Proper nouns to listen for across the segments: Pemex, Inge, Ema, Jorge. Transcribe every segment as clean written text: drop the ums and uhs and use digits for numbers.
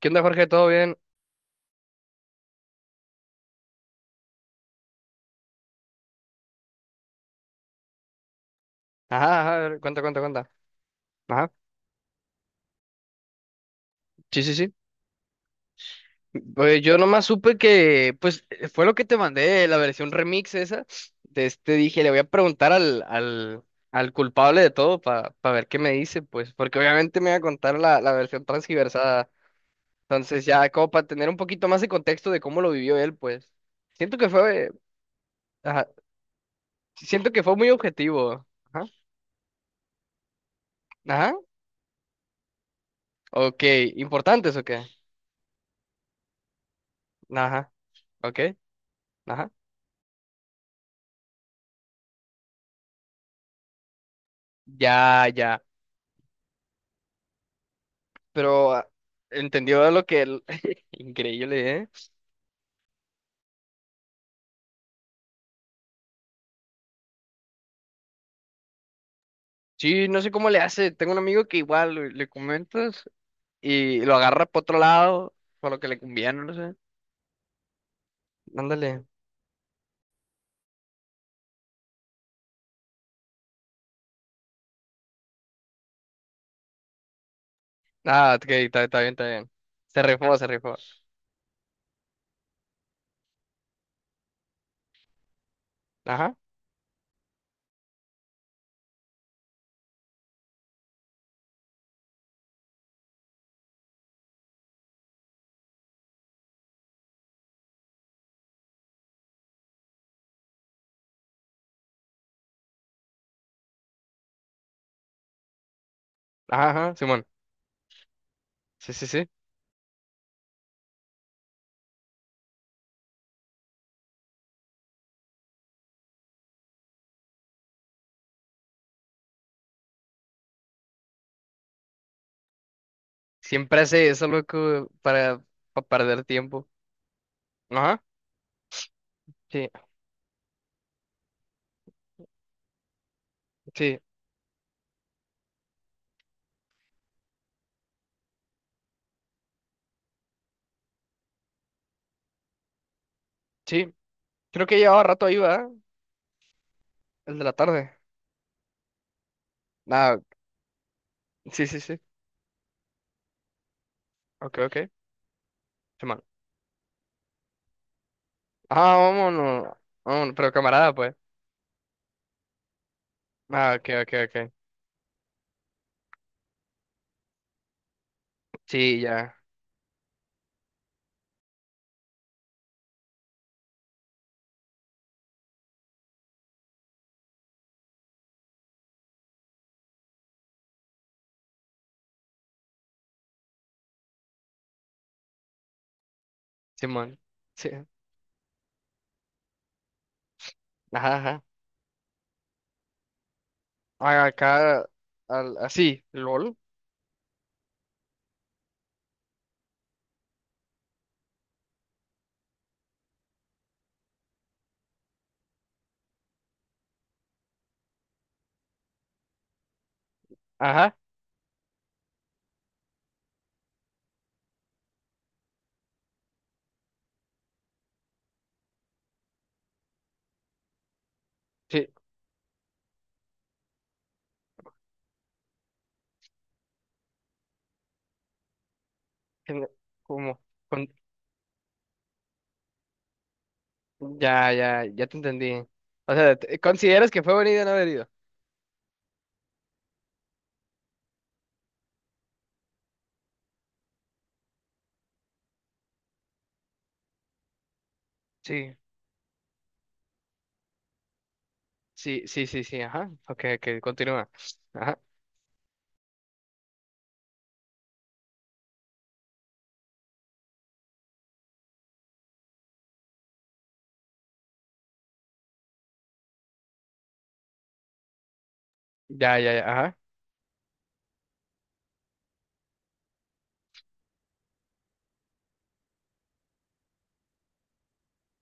¿Qué onda, Jorge? ¿Todo bien? Ajá, ajá, a ver, cuenta, cuenta, cuenta. Ajá, sí, sí, sí. Pues yo nomás supe que, pues, fue lo que te mandé, la versión remix esa. De este dije, le voy a preguntar al culpable de todo para ver qué me dice, pues, porque obviamente me va a contar la versión transgiversada. Entonces, ya, como para tener un poquito más de contexto de cómo lo vivió él, pues. Siento que fue, ajá, siento que fue muy objetivo. Ajá, ajá, ok, ¿importantes o qué? Ajá, ok, ajá. Ya, ya. Pero entendió lo que el- Increíble, ¿eh? Sí, no sé cómo le hace. Tengo un amigo que igual le comentas y lo agarra por otro lado, por lo que le conviene, no sé. Ándale. Ah, ok, está bien, está bien. Se rifó, se rifó. Ajá, ajá, ajá, Simón. Sí, sí, sí. Siempre hace eso, loco, para perder tiempo. Ajá, sí, sí, sí. Creo que llevaba rato ahí, ¿verdad? El de la tarde. Ah, sí, sí, sí. Ok, ok. Simón. Ah, vámonos. Vámonos, pero camarada, pues. Ah, ok, ok, ok. Sí, ya, Simón. Sí. Ajá, ajá. Ah, acá, así, LOL. Ajá, sí. en- Como, con- ya, ya, ya te entendí. O sea, ¿consideras que fue venido o no haber ido? Sí, sí, sí, sí, sí, ajá. Ok, ok, continúa. Ajá, ya, ya, ya, ajá.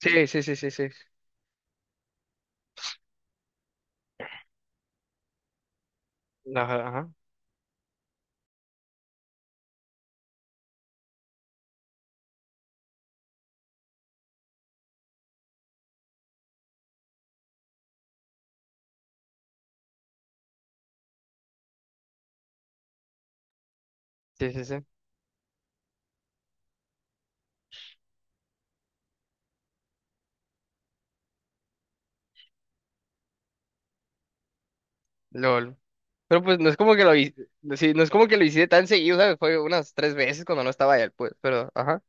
Sí, sí, sí, sí, sí. Ajá, ajá. Sí, sí, sí. LOL. Pero pues no es como que lo hice, sí, no es como que lo hice tan seguido, ¿sabes? Fue unas tres veces cuando no estaba él, pues, pero, ajá.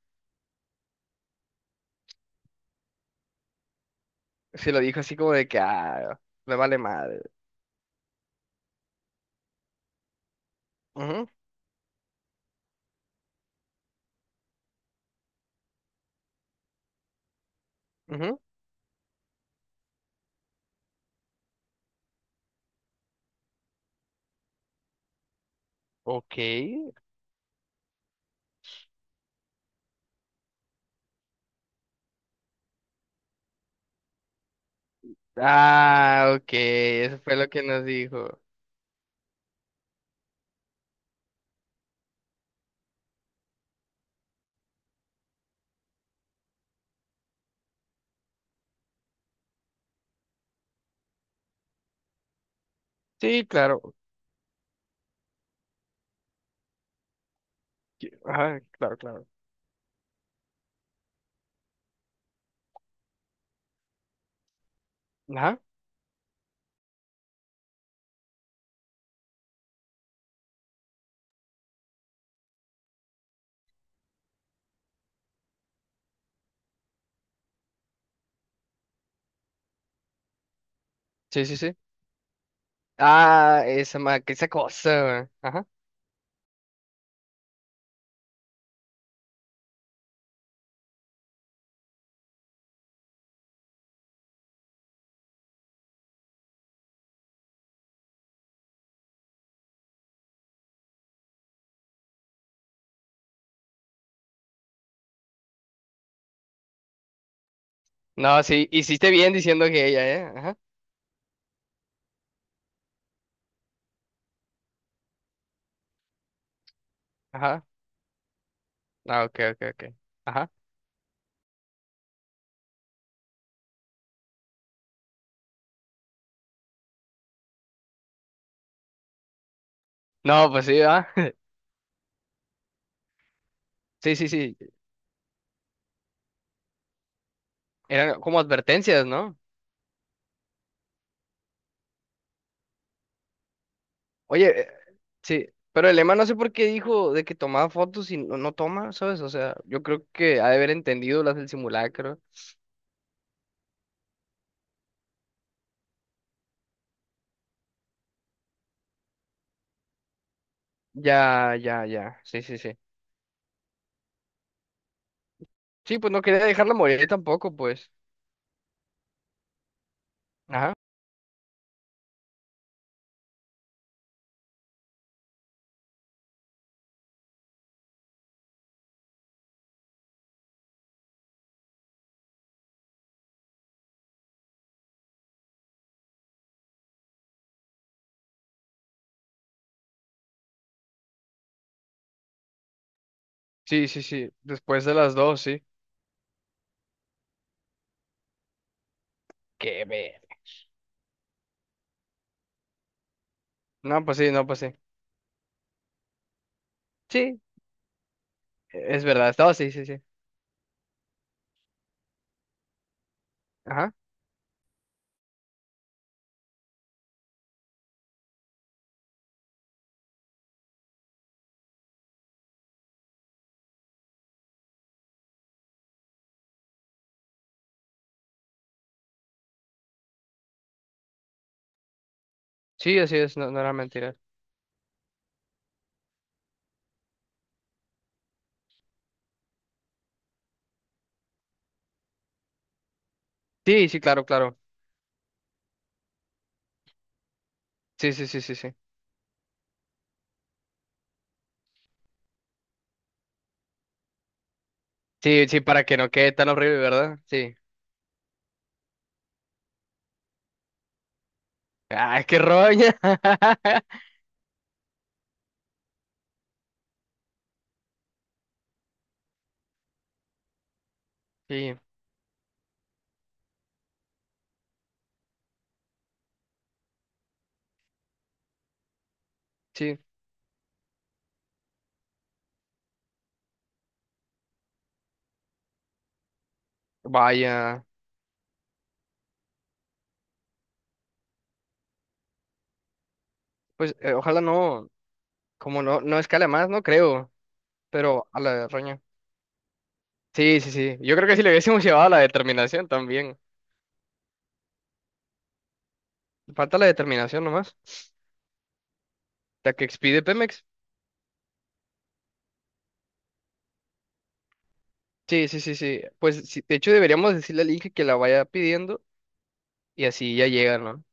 Sí, lo dijo así como de que, ah, me vale madre. Ujú, ujú. Ok. Ah, ok. Eso fue lo que nos dijo. Sí, claro. Ajá, claro, claro. Ajá. Sí, sí, sí. Ah, que esa cosa. Ajá. No, sí, hiciste bien diciendo que ella, ¿eh? Ajá. Ajá. Ah, ok, ok, ok. Ajá. No, pues sí, ah. Sí, sí, sí. Eran como advertencias, ¿no? Oye, sí, pero el Ema no sé por qué dijo de que tomaba fotos y no, no toma, ¿sabes? O sea, yo creo que ha de haber entendido las del simulacro. Ya, ya, ya. Sí, sí, sí. Sí, pues no quería dejarla morir tampoco, pues. Ajá. Sí, sí, sí. Después de las dos, sí. Qué ver. No, pues sí, no, pues sí. Sí, es verdad. Estaba, sí, sí, sí. Ajá. Sí, así es, no, no era mentira. Sí, sí, claro, claro. Sí, sí, sí, sí, sí. Sí, sí, para que no quede tan horrible, ¿verdad? Sí. Ay, qué roña. sí Sí. Vaya, pues ojalá no, como no, no escala más, no creo, pero a la de roña. Sí, sí, sí. Yo creo que si le hubiésemos llevado a la determinación también. Falta la determinación nomás. La que expide Pemex. Sí, sí, sí, sí. Pues sí, de hecho deberíamos decirle al Inge que la vaya pidiendo y así ya llega, ¿no?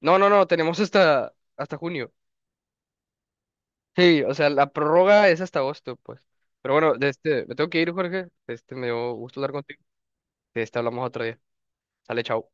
No, no, no, tenemos hasta, junio. Sí, o sea, la prórroga es hasta agosto, pues. Pero bueno, de este, me tengo que ir, Jorge. Este, me dio gusto hablar contigo. De este hablamos otro día. Sale, chao.